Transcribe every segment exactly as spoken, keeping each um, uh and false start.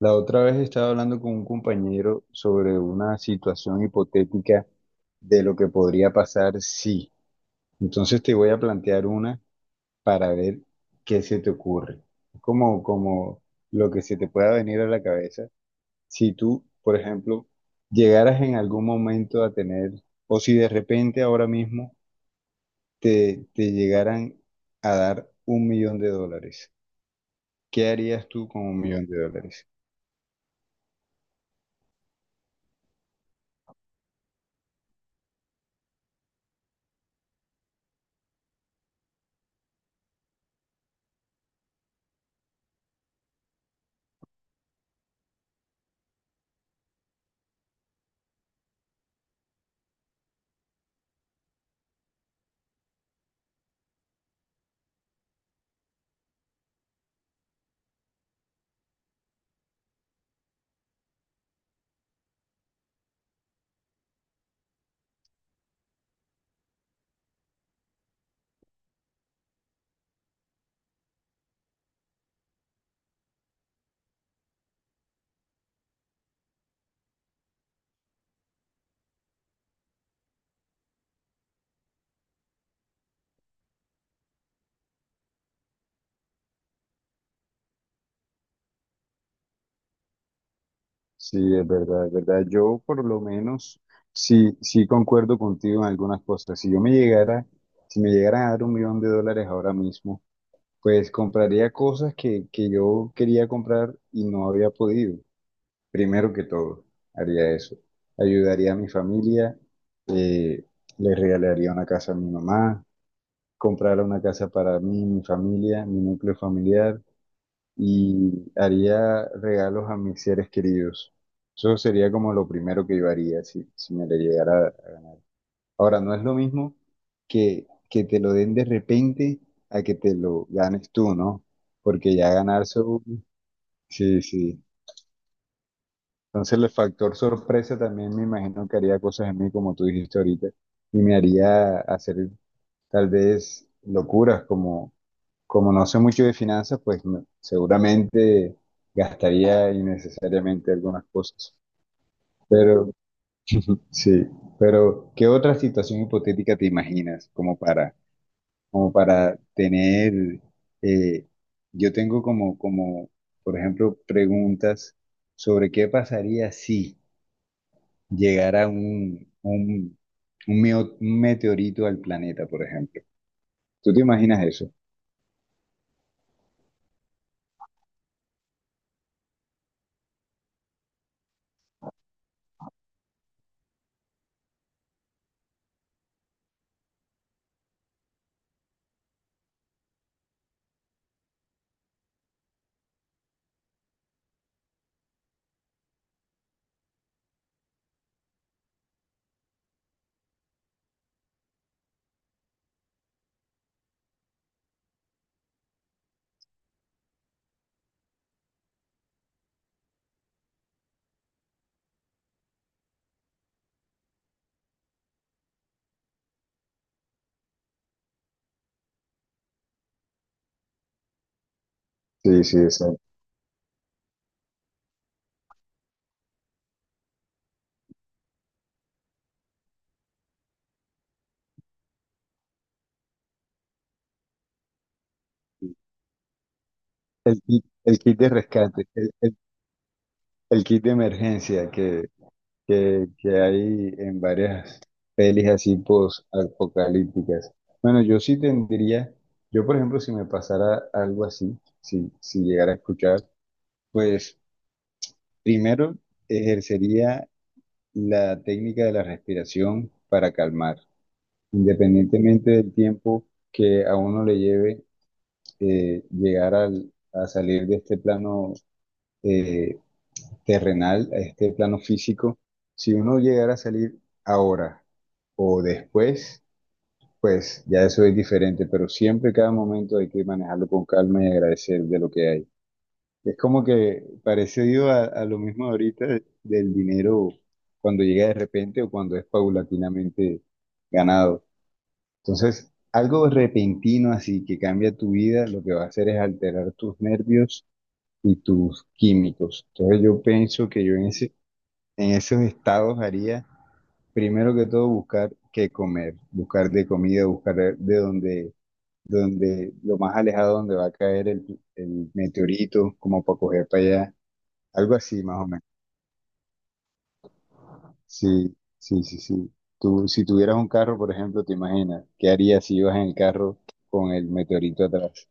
La otra vez estaba hablando con un compañero sobre una situación hipotética de lo que podría pasar si. Entonces te voy a plantear una para ver qué se te ocurre. Como, como lo que se te pueda venir a la cabeza. Si tú, por ejemplo, llegaras en algún momento a tener, o si de repente ahora mismo te, te llegaran a dar un millón de dólares, ¿qué harías tú con un millón de dólares? Sí, es verdad, es verdad. Yo por lo menos sí, sí concuerdo contigo en algunas cosas. Si yo me llegara, si me llegara a dar un millón de dólares ahora mismo, pues compraría cosas que, que yo quería comprar y no había podido. Primero que todo, haría eso. Ayudaría a mi familia, eh, le regalaría una casa a mi mamá, comprara una casa para mí, mi familia, mi núcleo familiar y haría regalos a mis seres queridos. Eso sería como lo primero que yo haría si, si me le llegara. Ahora, no es lo mismo que, que te lo den de repente a que te lo ganes tú, ¿no? Porque ya ganarse un- sí, sí. Entonces el factor sorpresa también me imagino que haría cosas en mí, como tú dijiste ahorita, y me haría hacer tal vez locuras como como no sé mucho de finanzas, pues me- seguramente gastaría innecesariamente algunas cosas. Pero sí, pero ¿qué otra situación hipotética te imaginas como para, como para tener, eh, yo tengo como, como, por ejemplo, preguntas sobre qué pasaría si llegara un, un, un meo- un meteorito al planeta, por ejemplo. ¿Tú te imaginas eso? Sí, sí, exacto. El kit, el kit de rescate, el, el El kit de emergencia que, que, que hay en varias pelis así post-apocalípticas. Bueno, yo sí tendría, yo por ejemplo, si me pasara algo así, si, si llegara a escuchar, pues primero ejercería la técnica de la respiración para calmar, independientemente del tiempo que a uno le lleve eh, llegar al- a salir de este plano eh, terrenal, a este plano físico, si uno llegara a salir ahora o después, pues ya eso es diferente, pero siempre cada momento hay que manejarlo con calma y agradecer de lo que hay. Es como que parecido a, a lo mismo ahorita del dinero cuando llega de repente o cuando es paulatinamente ganado. Entonces, algo repentino así que cambia tu vida, lo que va a hacer es alterar tus nervios y tus químicos. Entonces yo pienso que yo en ese en esos estados haría, primero que todo, buscar qué comer, buscar de comida, buscar de donde, donde, lo más alejado donde va a caer el, el meteorito, como para coger para allá, algo así más o menos. Sí, sí, sí, sí. Tú, si tuvieras un carro, por ejemplo, te imaginas, ¿qué harías si ibas en el carro con el meteorito atrás?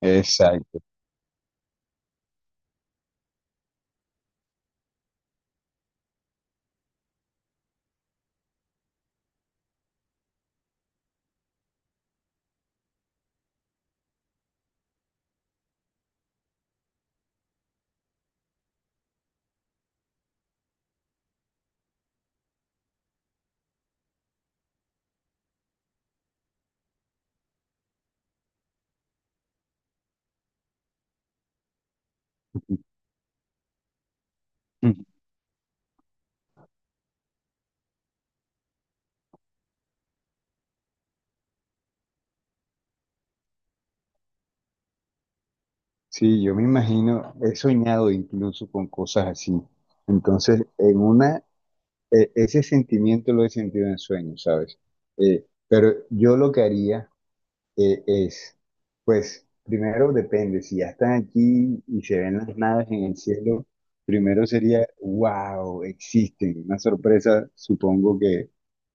Exacto. Sí, yo me imagino, he soñado incluso con cosas así. Entonces, en una, e- ese sentimiento lo he sentido en sueños, ¿sabes? Eh, pero yo lo que haría eh, es, pues, primero depende, si ya están aquí y se ven las naves en el cielo, primero sería, wow, existen, una sorpresa, supongo que,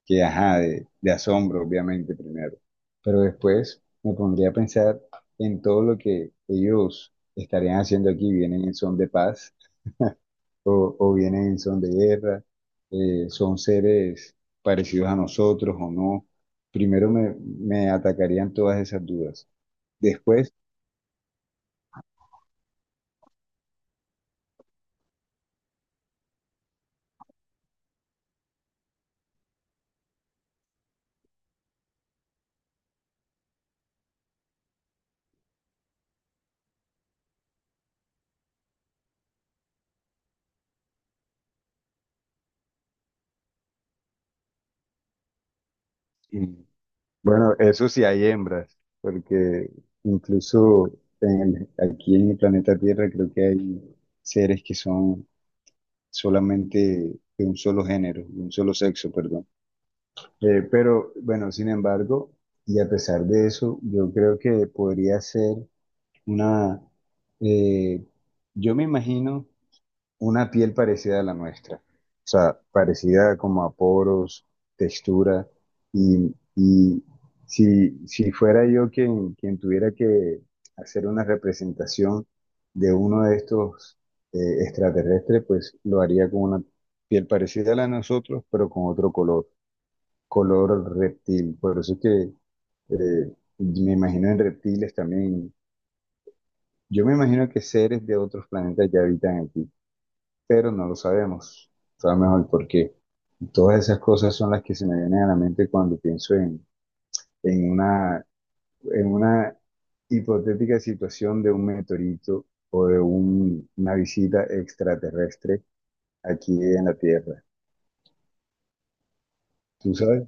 que ajá, de, de asombro, obviamente, primero. Pero después me pondría a pensar en todo lo que ellos estarían haciendo aquí, vienen en son de paz o, o vienen en son de guerra, eh, son seres parecidos a nosotros o no. Primero me, me atacarían todas esas dudas. Después, mm, bueno, eso sí hay hembras, porque incluso en el- aquí en el planeta Tierra creo que hay seres que son solamente de un solo género, de un solo sexo, perdón. Eh, pero bueno, sin embargo, y a pesar de eso, yo creo que podría ser una, eh, yo me imagino una piel parecida a la nuestra, o sea, parecida como a poros, textura, y, y si, si fuera yo quien, quien tuviera que hacer una representación de uno de estos eh, extraterrestres, pues lo haría con una piel parecida a la de nosotros, pero con otro color, color reptil. Por eso es que eh, me imagino en reptiles también, yo me imagino que seres de otros planetas ya habitan aquí, pero no lo sabemos. Sabemos mejor por qué. Todas esas cosas son las que se me vienen a la mente cuando pienso en, en una, en una hipotética situación de un meteorito o de un- una visita extraterrestre aquí en la Tierra. ¿Tú sabes?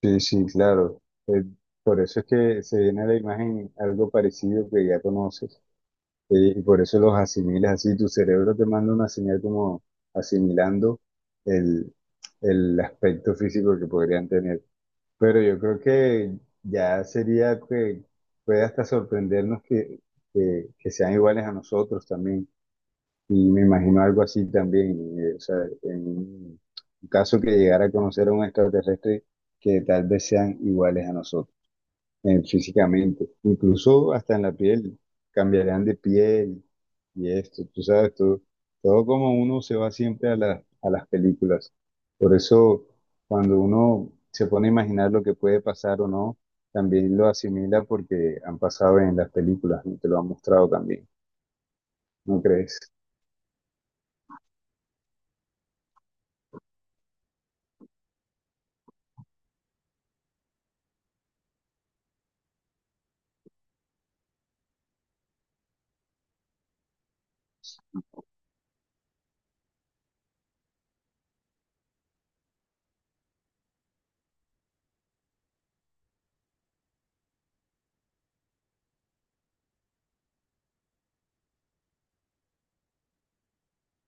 Sí, sí, claro. Eh, por eso es que se viene a la imagen algo parecido que ya conoces. Sí, y por eso los asimilas así, tu cerebro te manda una señal como asimilando el, el aspecto físico que podrían tener. Pero yo creo que ya sería que puede hasta sorprendernos que, que, que sean iguales a nosotros también. Y me imagino algo así también. Eh, o sea, en un caso que llegara a conocer a un extraterrestre que tal vez sean iguales a nosotros eh, físicamente, incluso hasta en la piel, cambiarán de piel y esto, tú sabes, todo, todo como uno se va siempre a la- a las películas. Por eso, cuando uno se pone a imaginar lo que puede pasar o no, también lo asimila porque han pasado en las películas, ¿no? Te lo han mostrado también, ¿no crees?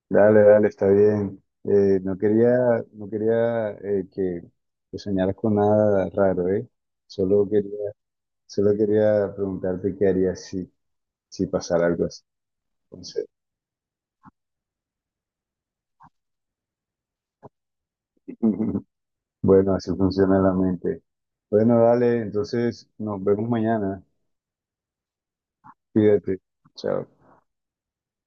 Dale, dale, está bien. Eh, no quería, no quería eh, que, que soñaras con nada raro, ¿eh? Solo quería solo quería preguntarte qué harías si, si pasara algo así. Entonces, bueno, así funciona la mente. Bueno, dale, entonces nos vemos mañana. Cuídate. Chao.